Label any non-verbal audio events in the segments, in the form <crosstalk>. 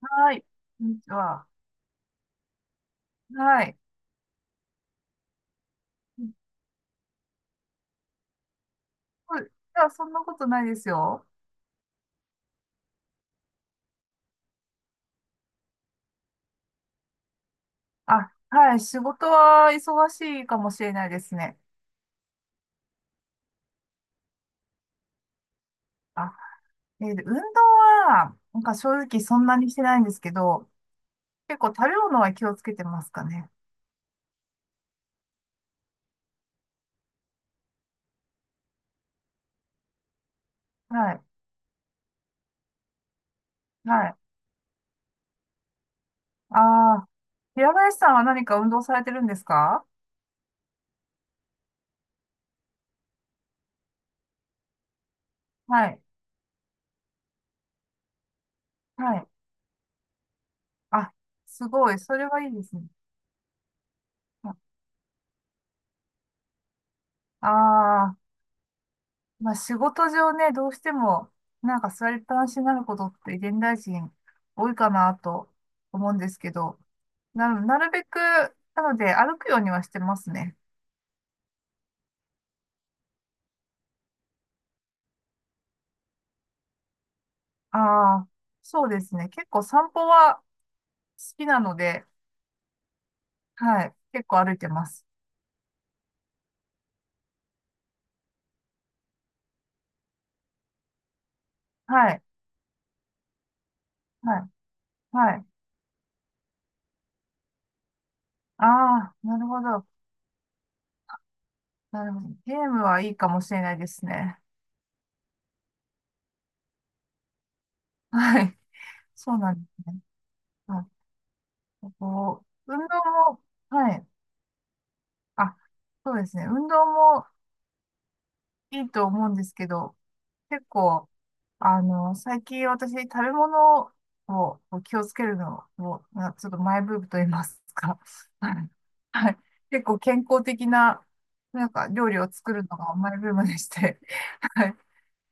はい。こんにちは。はい。そういや、そんなことないですよ。あ、はい。仕事は忙しいかもしれないですね。あ、運動は、なんか正直そんなにしてないんですけど、結構食べ物は気をつけてますかね。はい。はい。ああ、平林さんは何か運動されてるんですか？はい。はい。あ、すごい。それはいいですね。ああ、まあ仕事上ね、どうしても、なんか座りっぱなしになることって現代人多いかなと思うんですけど、なるべく、なので歩くようにはしてますね。ああ、そうですね。結構散歩は好きなので、はい。結構歩いてます。はい。はい。はい。ああ、なるほど。なるほど。ゲームはいいかもしれないですね。はい。そうなんですね。はい。こう、運動も、はい。あ、そうですね。運動もいいと思うんですけど、結構、最近私食べ物を気をつけるのを、ちょっとマイブームと言いますか。<laughs> はい。はい。結構健康的な、なんか料理を作るのがマイブームでして、はい。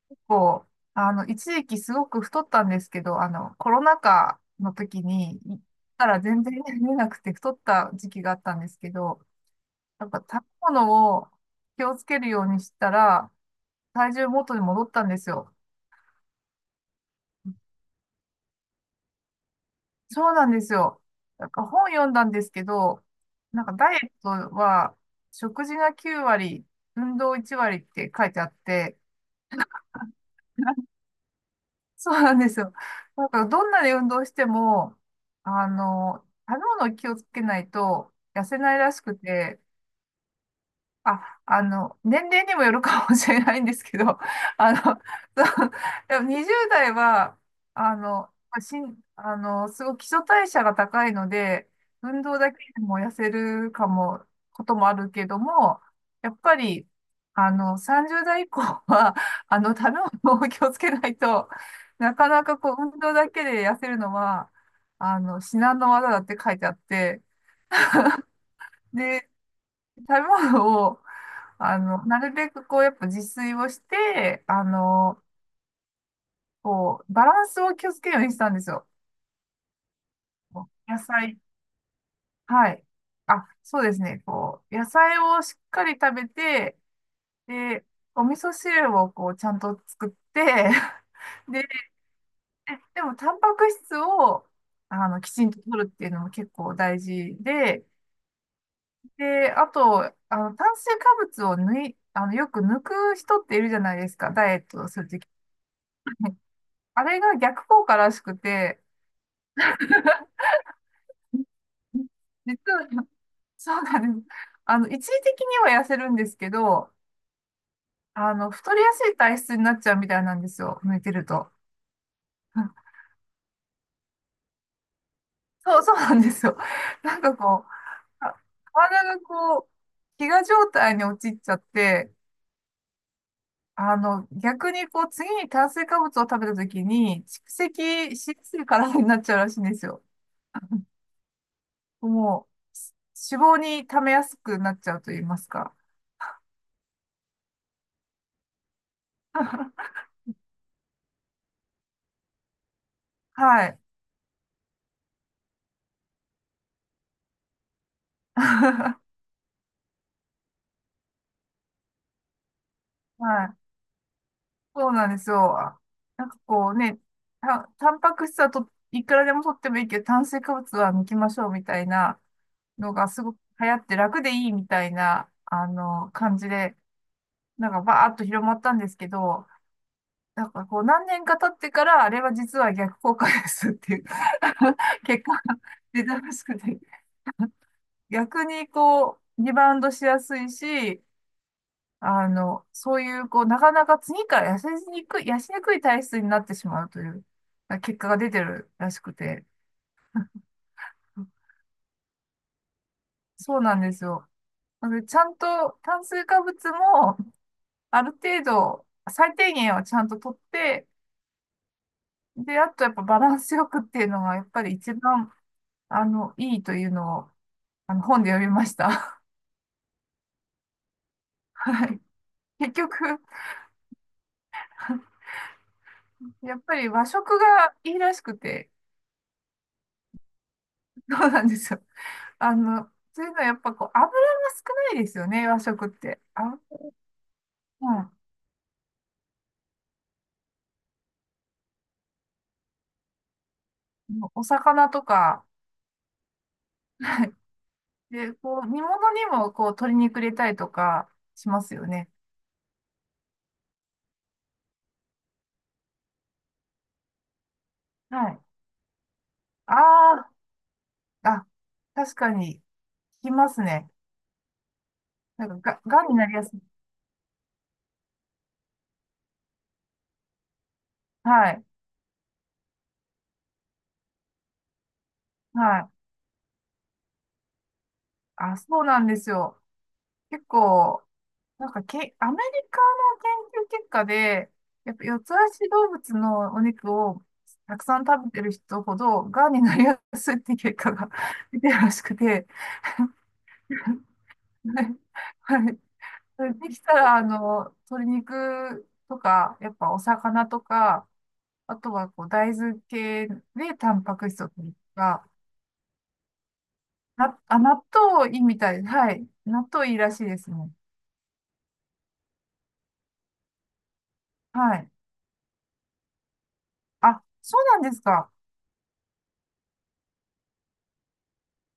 結構、一時期すごく太ったんですけど、コロナ禍の時に、行ったら全然 <laughs> 見えなくて太った時期があったんですけど、なんか食べ物を気をつけるようにしたら、体重元に戻ったんですよ。そうなんですよ。なんか本読んだんですけど、なんかダイエットは食事が9割、運動1割って書いてあって、<laughs> そうなんですよ。なんかどんなに運動しても、食べ物を気をつけないと痩せないらしくて、あ、年齢にもよるかもしれないんですけど、<laughs> そう、でも20代は、あの、しん、あの、すごい基礎代謝が高いので、運動だけでも痩せるかも、こともあるけども、やっぱり、30代以降は、<laughs> 食べ物を気をつけないと、なかなかこう、運動だけで痩せるのは、至難の業だって書いてあって、で、食べ物を、なるべくこう、やっぱ自炊をして、こう、バランスを気をつけるようにしたんですよ。こう野菜、はい。あ、そうですね。こう、野菜をしっかり食べて、で、お味噌汁をこう、ちゃんと作って、<laughs> で、でも、タンパク質を、きちんと取るっていうのも結構大事で、で、あと、炭水化物を抜い、あの、よく抜く人っているじゃないですか、ダイエットをするとき。あれが逆効果らしくて、実は、そうなんです。一時的には痩せるんですけど、太りやすい体質になっちゃうみたいなんですよ。寝てると。うん、そう、そうなんですよ。なんかこう、あ、体がこう、飢餓状態に陥っちゃって、逆にこう、次に炭水化物を食べた時に、蓄積しやすい体になっちゃうらしいんですよ。もう、脂肪に溜めやすくなっちゃうと言いますか。<laughs> はい。<laughs> はい。そうなんですよ。あ、なんかこうね、タンパク質はと、いくらでも取ってもいいけど、炭水化物は抜きましょうみたいなのがすごく流行って楽でいいみたいな、感じで、なんかバーッと広まったんですけど、なんかこう何年か経ってから、あれは実は逆効果ですっていう <laughs> 結果が出たらしくて、逆にこう、リバウンドしやすいし、そういう、こう、なかなか次から痩せにくい体質になってしまうという、結果が出てるらしくて。そうなんですよ。なので、ちゃんと炭水化物も、ある程度、最低限はちゃんと取って、で、あとやっぱバランスよくっていうのが、やっぱり一番、いいというのを、本で読みました。<laughs> はい。結局、やっぱり和食がいいらしくて、そうなんですよ。あの、というのはやっぱこう、油が少ないですよね、和食って。あ、うん。お魚とか、はい。で、こう、煮物にもこう、鶏肉入れたりとかしますよね。はい。ああ、あ、確かに、効きますね。なんかがんになりやすい。はい。はい。あ、そうなんですよ。結構、なんかアメリカの研究結果で、やっぱ四つ足動物のお肉をたくさん食べてる人ほど、がんになりやすいっていう結果が <laughs> 出てるらしくて、はい。はい。それできたら、鶏肉とか、やっぱお魚とか、あとはこう大豆系でタンパク質を取るとか、あ、納豆いいみたい。はい。納豆いいらしいですね。はい。あ、そうなんですか。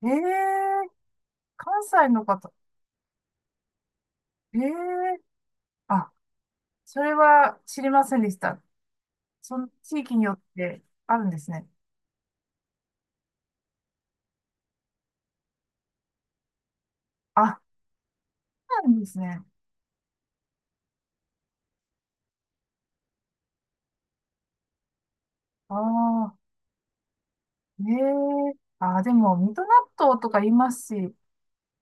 ええ。関西の方、ええ、あ、それは知りませんでした。その地域によってあるんですね。あ、そうなんですね。ああ、ええ、ああ、でも、水戸納豆とか言いますし、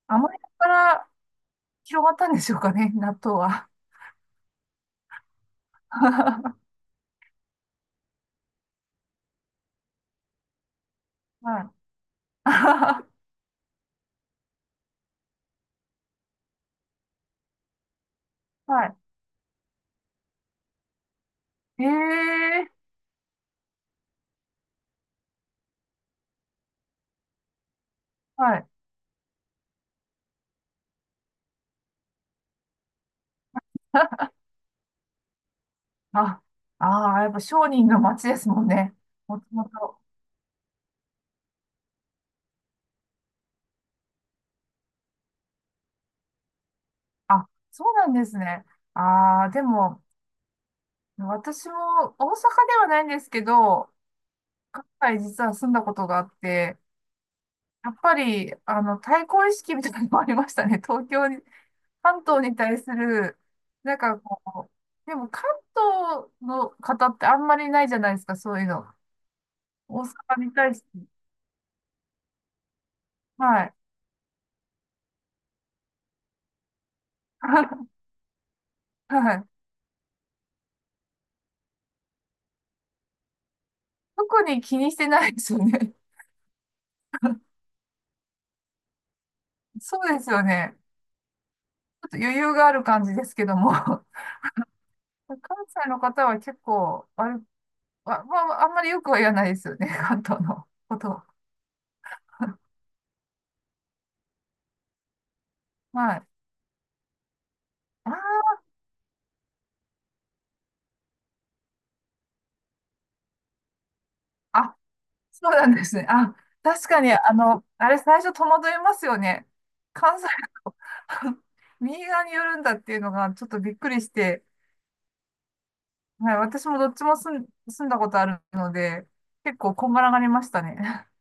あの辺から広がったんでしょうかね、<laughs> 納豆は。<laughs> はい。<laughs> はい。ええ、はい。<laughs> あ、ああ、やっぱ商人の街ですもんね。もともと。あ、そうなんですね。ああ、でも、私も大阪ではないんですけど、関西実は住んだことがあって、やっぱり、対抗意識みたいなのもありましたね。<laughs> 東京に、関東に対する、なんかこう、でも関東の方ってあんまりないじゃないですか、そういうの。大阪に対して。はい。<laughs> はい。特に気にしてないですよね。<laughs> そうですよね。ちょっと余裕がある感じですけども。<laughs> 関西の方は結構、あれ、まあ、まあ、あんまりよくは言わないですよね、関東のことを。はい。あー、そうなんですね。あ、確かに、あれ最初戸惑いますよね。関西の右側に寄るんだっていうのがちょっとびっくりして、はい、私もどっちも住んだことあるので、結構こんがらがりましたね。<laughs>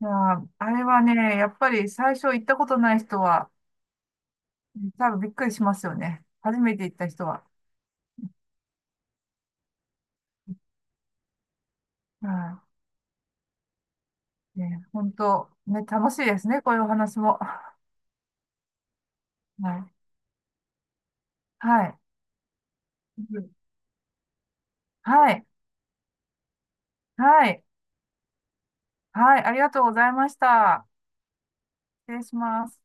いやー、あれはね、やっぱり最初行ったことない人は、多分びっくりしますよね。初めて行った人は。はい。ね、本当、ね、楽しいですね、こういうお話も。はい。はい。はい。はい。はい。ありがとうございました。失礼します。